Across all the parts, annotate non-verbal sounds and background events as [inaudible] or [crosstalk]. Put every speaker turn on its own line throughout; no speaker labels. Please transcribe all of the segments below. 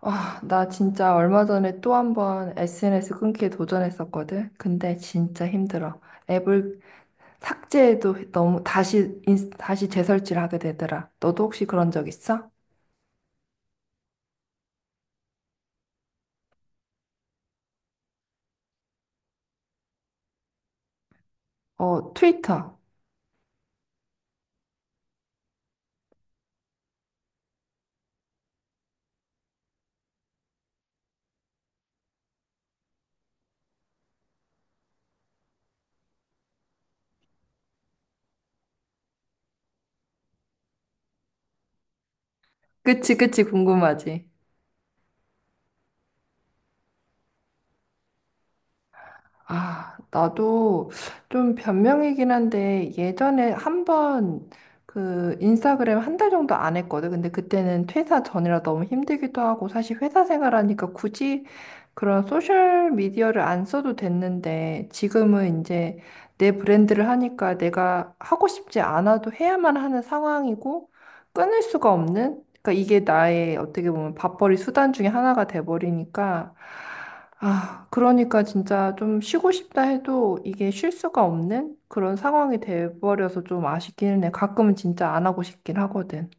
아, 나 진짜 얼마 전에 또 한 번 SNS 끊기에 도전했었거든. 근데 진짜 힘들어. 앱을 삭제해도 너무 다시 다시 재설치를 하게 되더라. 너도 혹시 그런 적 있어? 어, 트위터. 그치, 그치, 궁금하지. 아, 나도 좀 변명이긴 한데 예전에 한번 그 인스타그램 한 달 정도 안 했거든. 근데 그때는 퇴사 전이라 너무 힘들기도 하고 사실 회사 생활하니까 굳이 그런 소셜 미디어를 안 써도 됐는데 지금은 이제 내 브랜드를 하니까 내가 하고 싶지 않아도 해야만 하는 상황이고 끊을 수가 없는, 그러니까 이게 나의 어떻게 보면 밥벌이 수단 중에 하나가 돼버리니까. 아, 그러니까 진짜 좀 쉬고 싶다 해도 이게 쉴 수가 없는 그런 상황이 돼버려서 좀 아쉽기는 해. 가끔은 진짜 안 하고 싶긴 하거든.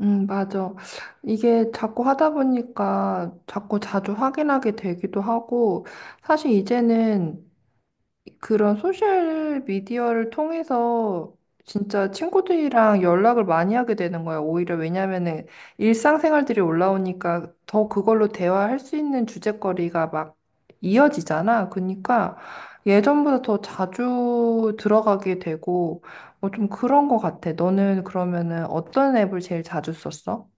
맞아. 이게 자꾸 하다 보니까 자꾸 자주 확인하게 되기도 하고, 사실 이제는 그런 소셜 미디어를 통해서 진짜 친구들이랑 연락을 많이 하게 되는 거야. 오히려 왜냐면은 일상생활들이 올라오니까 더 그걸로 대화할 수 있는 주제거리가 막 이어지잖아. 그러니까 예전보다 더 자주 들어가게 되고 뭐 좀 그런 거 같아. 너는 그러면은 어떤 앱을 제일 자주 썼어?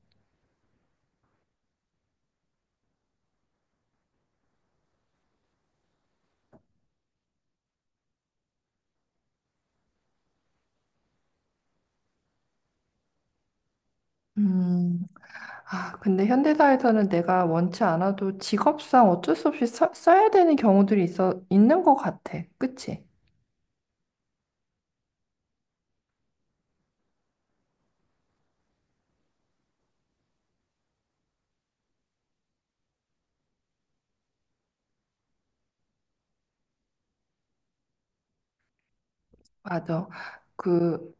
음. 아, 근데 현대사에서는 내가 원치 않아도 직업상 어쩔 수 없이 써야 되는 경우들이 있는 것 같아. 그치? 맞아. 그,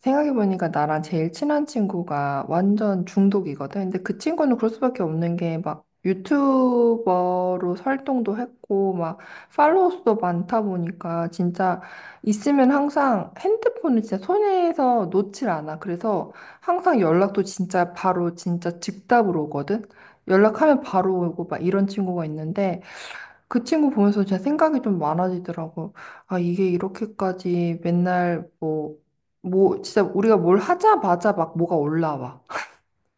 생각해보니까 나랑 제일 친한 친구가 완전 중독이거든. 근데 그 친구는 그럴 수밖에 없는 게 막 유튜버로 활동도 했고 막 팔로워 수도 많다 보니까 진짜 있으면 항상 핸드폰을 진짜 손에서 놓질 않아. 그래서 항상 연락도 진짜 바로, 진짜 즉답으로 오거든. 연락하면 바로 오고 막 이런 친구가 있는데 그 친구 보면서 진짜 생각이 좀 많아지더라고. 아, 이게 이렇게까지 맨날 뭐, 진짜 우리가 뭘 하자마자 막 뭐가 올라와.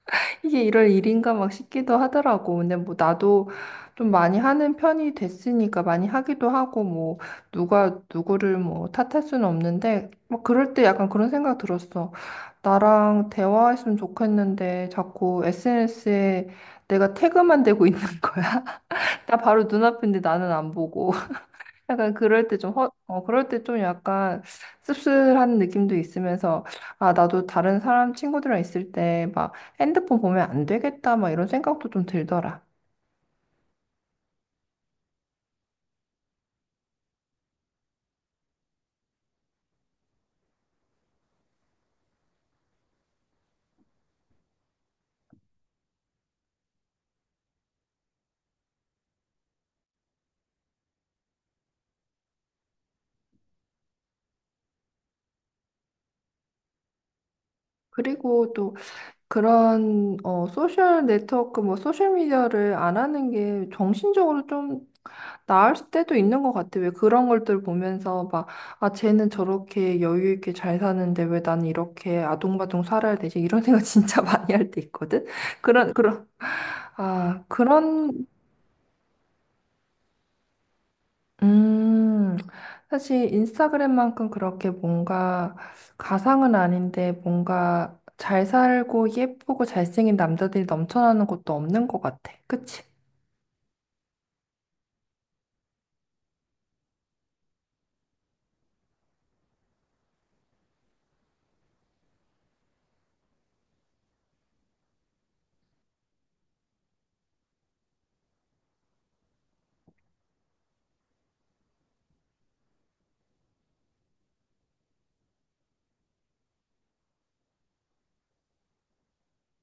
[laughs] 이게 이럴 일인가 막 싶기도 하더라고. 근데 뭐 나도 좀 많이 하는 편이 됐으니까 많이 하기도 하고 뭐 누가 누구를 뭐 탓할 수는 없는데 막 그럴 때 약간 그런 생각 들었어. 나랑 대화했으면 좋겠는데 자꾸 SNS에 내가 태그만 되고 있는 거야. [laughs] 나 바로 눈앞인데 나는 안 보고. 약간 그럴 때 좀 그럴 때 좀 약간 씁쓸한 느낌도 있으면서, 아, 나도 다른 사람 친구들이랑 있을 때 막 핸드폰 보면 안 되겠다, 막 이런 생각도 좀 들더라. 그리고 또 그런, 어, 소셜 네트워크, 뭐, 소셜미디어를 안 하는 게 정신적으로 좀 나을 때도 있는 것 같아. 왜 그런 것들 보면서 막, 아, 쟤는 저렇게 여유 있게 잘 사는데 왜 나는 이렇게 아동바동 살아야 되지? 이런 생각 진짜 [laughs] 많이 할 때 있거든? 그런, 그런, 아, 그런, 음, 사실 인스타그램만큼 그렇게 뭔가 가상은 아닌데 뭔가 잘 살고 예쁘고 잘생긴 남자들이 넘쳐나는 것도 없는 것 같아. 그치?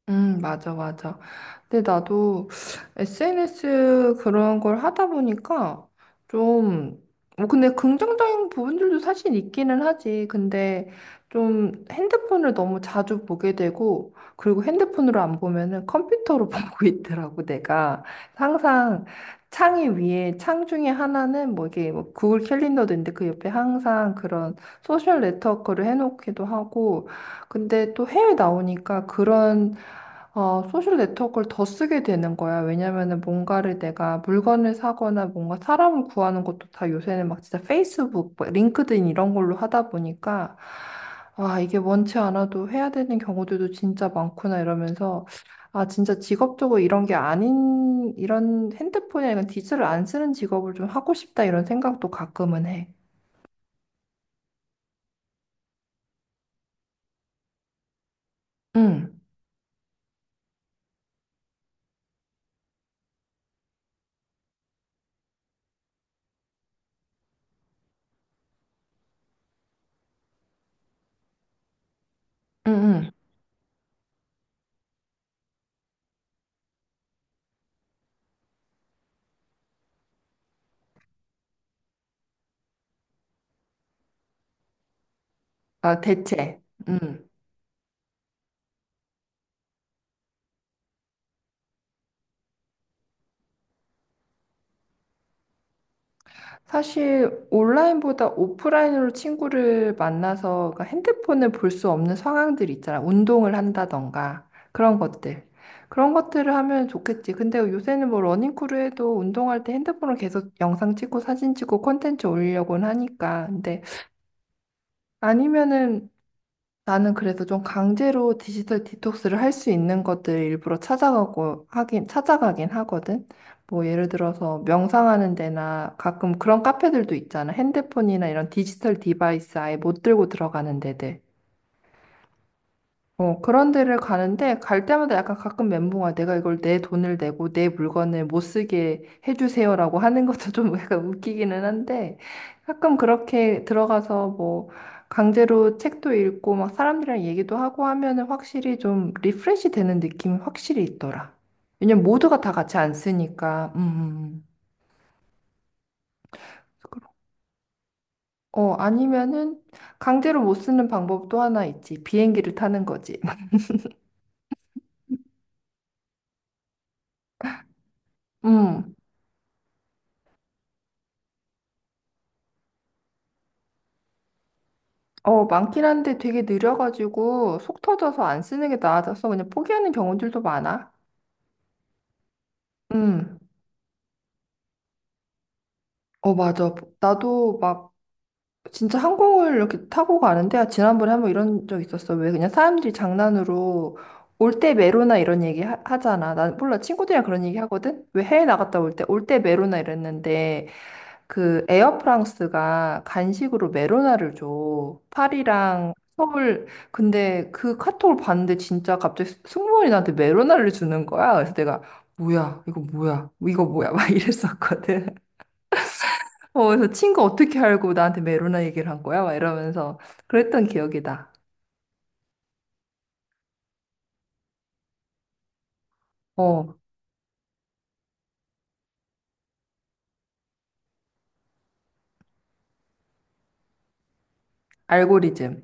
맞아, 맞아. 근데 나도 SNS 그런 걸 하다 보니까 좀, 뭐 근데 긍정적인 부분들도 사실 있기는 하지. 근데 좀 핸드폰을 너무 자주 보게 되고, 그리고 핸드폰으로 안 보면은 컴퓨터로 [laughs] 보고 있더라고, 내가. 항상 창 중에 하나는 뭐 이게 뭐 구글 캘린더도 있는데 그 옆에 항상 그런 소셜 네트워크를 해놓기도 하고, 근데 또 해외 나오니까 그런 어, 소셜 네트워크를 더 쓰게 되는 거야. 왜냐면은 뭔가를 내가 물건을 사거나 뭔가 사람을 구하는 것도 다 요새는 막 진짜 페이스북, 뭐 링크드인 이런 걸로 하다 보니까 아, 이게 원치 않아도 해야 되는 경우들도 진짜 많구나 이러면서 아, 진짜 직업적으로 이런 게 아닌 이런 핸드폰이나 이런 디지털을 안 쓰는 직업을 좀 하고 싶다 이런 생각도 가끔은 해. 응, 응, 응. 아, 대체. 응. 사실 온라인보다 오프라인으로 친구를 만나서, 그러니까 핸드폰을 볼 수 없는 상황들 있잖아. 운동을 한다던가 그런 것들. 그런 것들을 하면 좋겠지. 근데 요새는 뭐 러닝크루 해도 운동할 때 핸드폰을 계속 영상 찍고 사진 찍고 콘텐츠 올리려고는 하니까. 근데 아니면은 나는 그래서 좀 강제로 디지털 디톡스를 할 수 있는 것들 일부러 찾아가고 하긴 찾아가긴 하거든. 뭐 예를 들어서 명상하는 데나 가끔 그런 카페들도 있잖아. 핸드폰이나 이런 디지털 디바이스 아예 못 들고 들어가는 데들. 어, 그런 데를 가는데 갈 때마다 약간 가끔 멘붕아, 내가 이걸 내 돈을 내고 내 물건을 못 쓰게 해주세요라고 하는 것도 좀 [laughs] 약간 웃기기는 한데 가끔 그렇게 들어가서 뭐 강제로 책도 읽고 막 사람들이랑 얘기도 하고 하면은 확실히 좀 리프레시 되는 느낌이 확실히 있더라. 왜냐면 모두가 다 같이 안 쓰니까. 음. 어, 아니면은 강제로 못 쓰는 방법도 하나 있지. 비행기를 타는 거지. [laughs] 음. 어, 많긴 한데 되게 느려가지고 속 터져서 안 쓰는 게 나아져서 그냥 포기하는 경우들도 많아. 음, 어, 맞아. 나도 막 진짜 항공을 이렇게 타고 가는데, 아, 지난번에 한번 이런 적 있었어. 왜 그냥 사람들이 장난으로 올 때 메로나 이런 얘기 잖아난 몰라. 친구들이랑 그런 얘기 하거든? 왜 해외 나갔다 올 때 메로나 이랬는데 그 에어프랑스가 간식으로 메로나를 줘. 파리랑 서울. 근데 그 카톡을 봤는데 진짜 갑자기 승무원이 나한테 메로나를 주는 거야. 그래서 내가 뭐야? 이거 뭐야? 막 이랬었거든. [laughs] 어, 그래서 친구 어떻게 알고 나한테 메로나 얘기를 한 거야? 막 이러면서 그랬던 기억이다. 어, 알고리즘.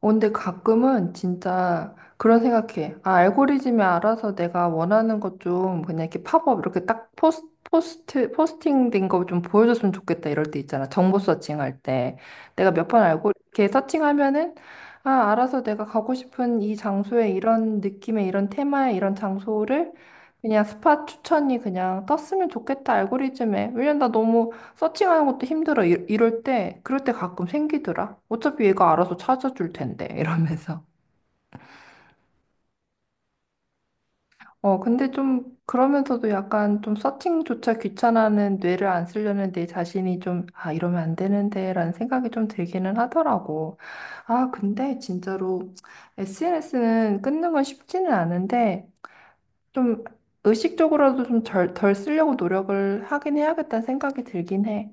어, 근데 가끔은 진짜 그런 생각해. 아, 알고리즘이 알아서 내가 원하는 것 좀 그냥 이렇게 팝업 이렇게 딱 포스팅 된 거 좀 보여줬으면 좋겠다 이럴 때 있잖아. 정보 서칭할 때. 내가 몇 번 알고 이렇게 서칭하면은 아, 알아서 내가 가고 싶은 이 장소에 이런 느낌의 이런 테마의 이런 장소를 그냥 스팟 추천이 그냥 떴으면 좋겠다 알고리즘에. 왜냐면 나 너무 서칭하는 것도 힘들어. 이럴 때, 그럴 때 가끔 생기더라. 어차피 얘가 알아서 찾아줄 텐데, [laughs] 이러면서. 어, 근데 좀, 그러면서도 약간 좀 서칭조차 귀찮아하는 뇌를 안 쓰려는 내 자신이 좀, 아, 이러면 안 되는데, 라는 생각이 좀 들기는 하더라고. 아, 근데 진짜로 SNS는 끊는 건 쉽지는 않은데, 좀 의식적으로라도 좀 덜 쓰려고 노력을 하긴 해야겠다는 생각이 들긴 해.